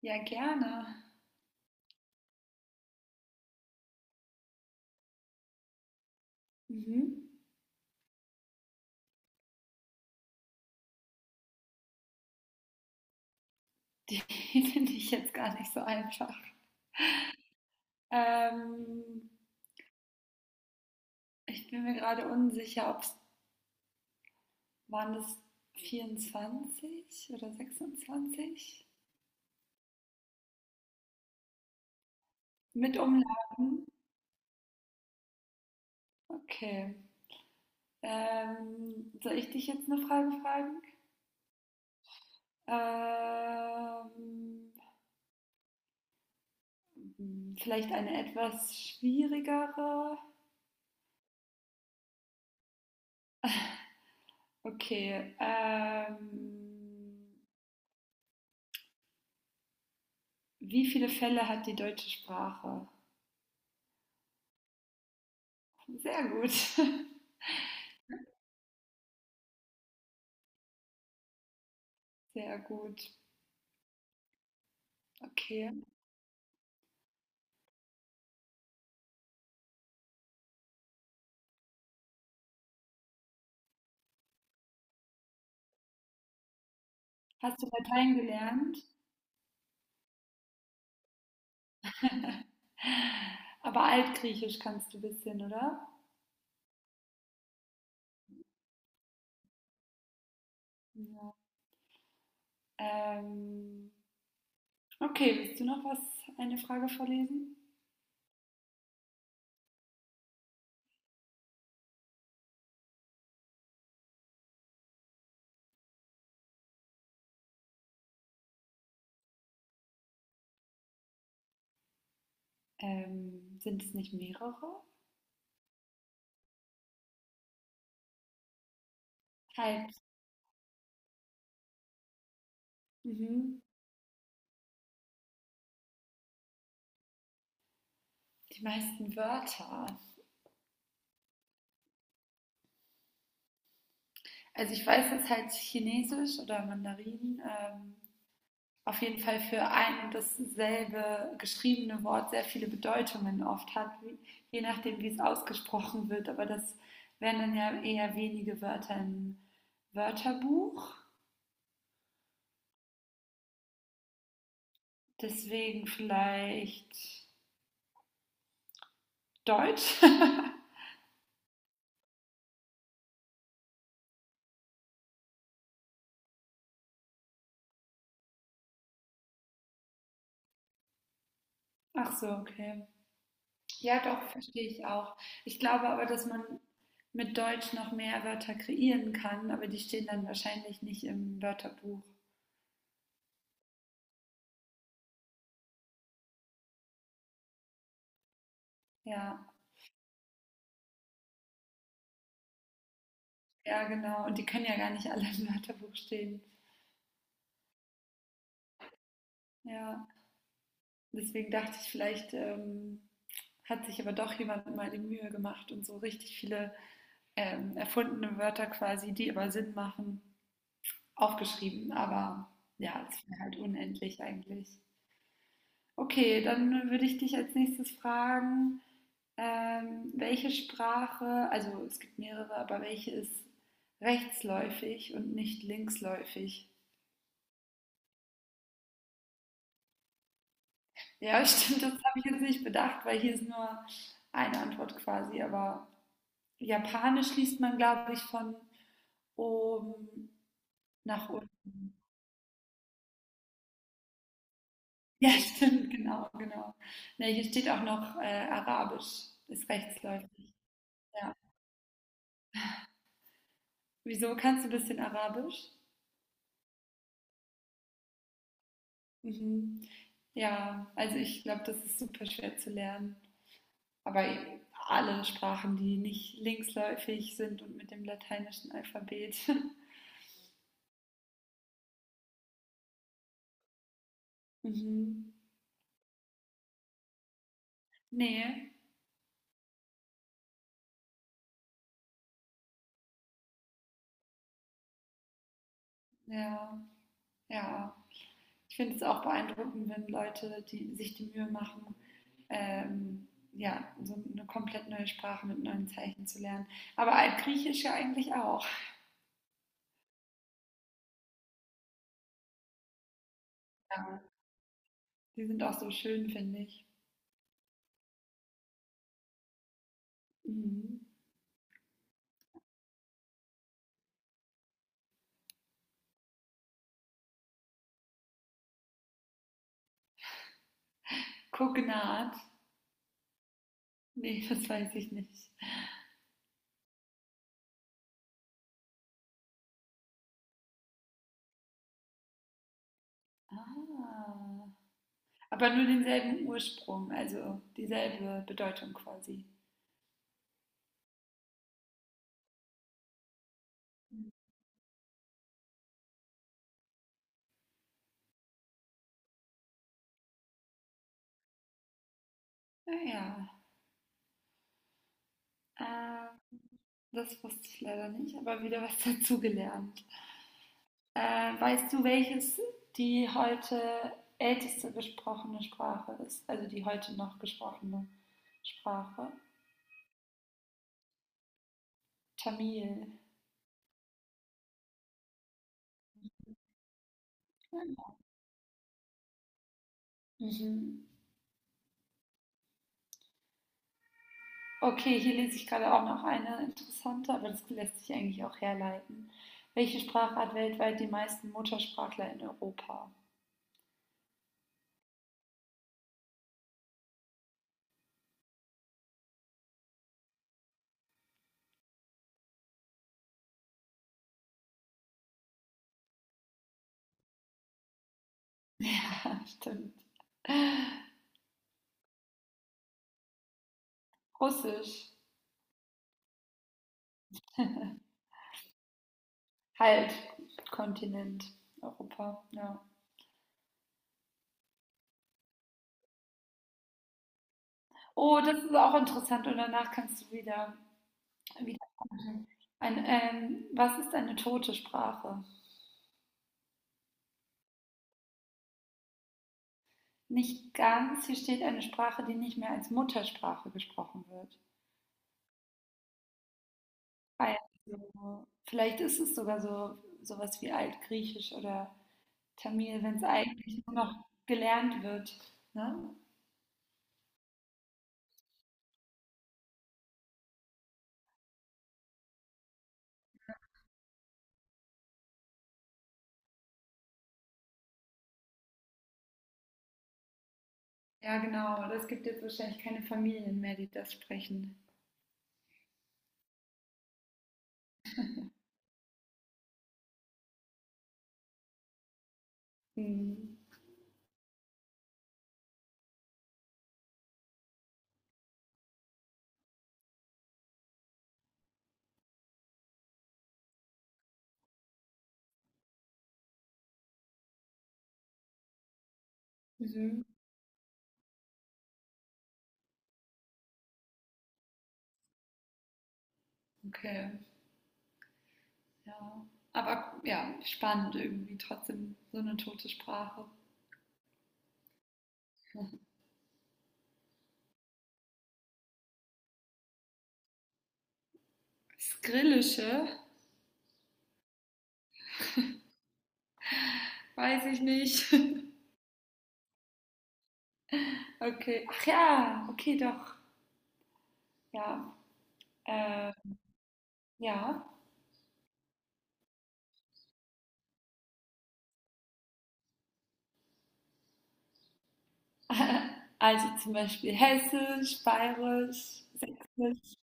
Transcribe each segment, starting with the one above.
Ja, gerne. Mhm. Die finde ich jetzt gar nicht so einfach. Ähm, ich bin mir gerade unsicher, ob es waren das 24 oder 26? Mit Umlagen? Okay. Soll ich dich jetzt eine Frage fragen? Ähm, vielleicht eine etwas schwierigere. Okay. Wie viele Fälle hat die deutsche Sprache? Sehr gut. Sehr gut. Okay. Hast du Latein gelernt? Aber Altgriechisch kannst du ein bisschen, oder? Ja. Ähm, okay, willst du noch was, eine Frage vorlesen? Sind es nicht mehrere? Halt, mhm. Die meisten Wörter. Also ich weiß, dass halt Chinesisch oder Mandarin auf jeden Fall für ein und dasselbe geschriebene Wort sehr viele Bedeutungen oft hat, wie, je nachdem, wie es ausgesprochen wird. Aber das wären dann ja eher wenige Wörter im Wörterbuch. Deswegen vielleicht Deutsch. Ach so, okay. Ja, doch, verstehe ich auch. Ich glaube aber, dass man mit Deutsch noch mehr Wörter kreieren kann, aber die stehen dann wahrscheinlich nicht im Wörterbuch. Ja, ja, genau. Und die können ja gar nicht alle im Wörterbuch stehen. Ja. Deswegen dachte ich, vielleicht hat sich aber doch jemand mal die Mühe gemacht und so richtig viele erfundene Wörter quasi, die aber Sinn machen, aufgeschrieben. Aber ja, es wäre halt unendlich eigentlich. Okay, dann würde ich dich als nächstes fragen, welche Sprache, also es gibt mehrere, aber welche ist rechtsläufig und nicht linksläufig? Ja, stimmt, das habe ich jetzt nicht bedacht, weil hier ist nur eine Antwort quasi, aber Japanisch liest man, glaube ich, von oben nach unten. Ja, stimmt, genau, genau. Ne, hier steht auch noch Arabisch, ist rechtsläufig. Ja. Wieso kannst du ein bisschen Arabisch? Mhm. Ja, also ich glaube, das ist super schwer zu lernen. Aber alle Sprachen, die nicht linksläufig sind und mit dem lateinischen Alphabet. Mhm. Nee, ja, ja. Ich finde es auch beeindruckend, wenn Leute, die sich die Mühe machen, ähm, ja, so eine komplett neue Sprache mit neuen Zeichen zu lernen. Aber Altgriechisch ja eigentlich auch. Ja, die sind auch so schön, finde ich. Mhm. Kognat. Nee, das weiß ich nicht. Ah. Aber nur denselben Ursprung, also dieselbe Bedeutung quasi. Naja, äh, das wusste ich leider nicht, aber wieder was dazugelernt. Weißt du, welches die heute älteste gesprochene Sprache ist? Also die heute noch gesprochene Sprache? Tamil. Mhm. Okay, hier lese ich gerade auch noch eine interessante, aber das lässt sich eigentlich auch herleiten. Welche Sprache hat weltweit die meisten Muttersprachler in Europa? Stimmt. Russisch. Halt, Kontinent, Europa, ja. Oh, das ist auch interessant und danach kannst du wieder Wiedervorlesen. Ein, was ist eine tote Sprache? Nicht ganz. Hier steht eine Sprache, die nicht mehr als Muttersprache gesprochen wird. Also, vielleicht ist es sogar so sowas wie Altgriechisch oder Tamil, wenn es eigentlich nur noch gelernt wird. Ne? Ja, genau. Aber es gibt jetzt wahrscheinlich keine Familien mehr, die das sprechen. Hm. Mhm. Okay, ja. Aber ja, spannend irgendwie trotzdem so eine tote Sprache. Skrillische weiß ich nicht. Okay. Ach ja, okay, doch. Ja. Äh, ja. Also zum Beispiel Hessisch, Bayerisch, Sächsisch.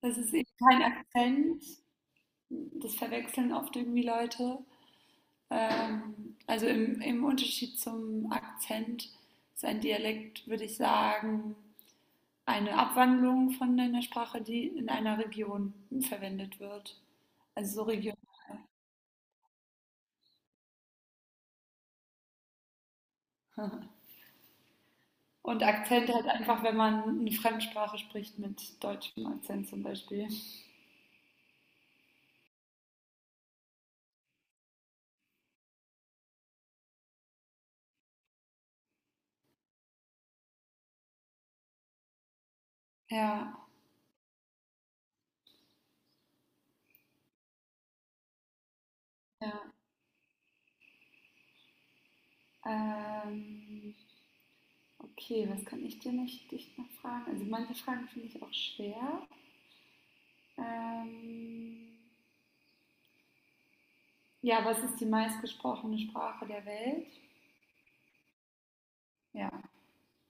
Das ist eben kein Akzent. Das verwechseln oft irgendwie Leute. Also im Unterschied zum Akzent ist ein Dialekt, würde ich sagen, eine Abwandlung von einer Sprache, die in einer Region verwendet wird. Also so Region. Und Akzent halt einfach, wenn man eine Fremdsprache spricht mit deutschem Akzent zum Beispiel. Ja, ja. Ähm, okay, was kann ich dir noch, dich noch fragen? Also manche Fragen finde ich auch schwer. Ähm, ja, was ist die meistgesprochene Sprache der Welt? Ja,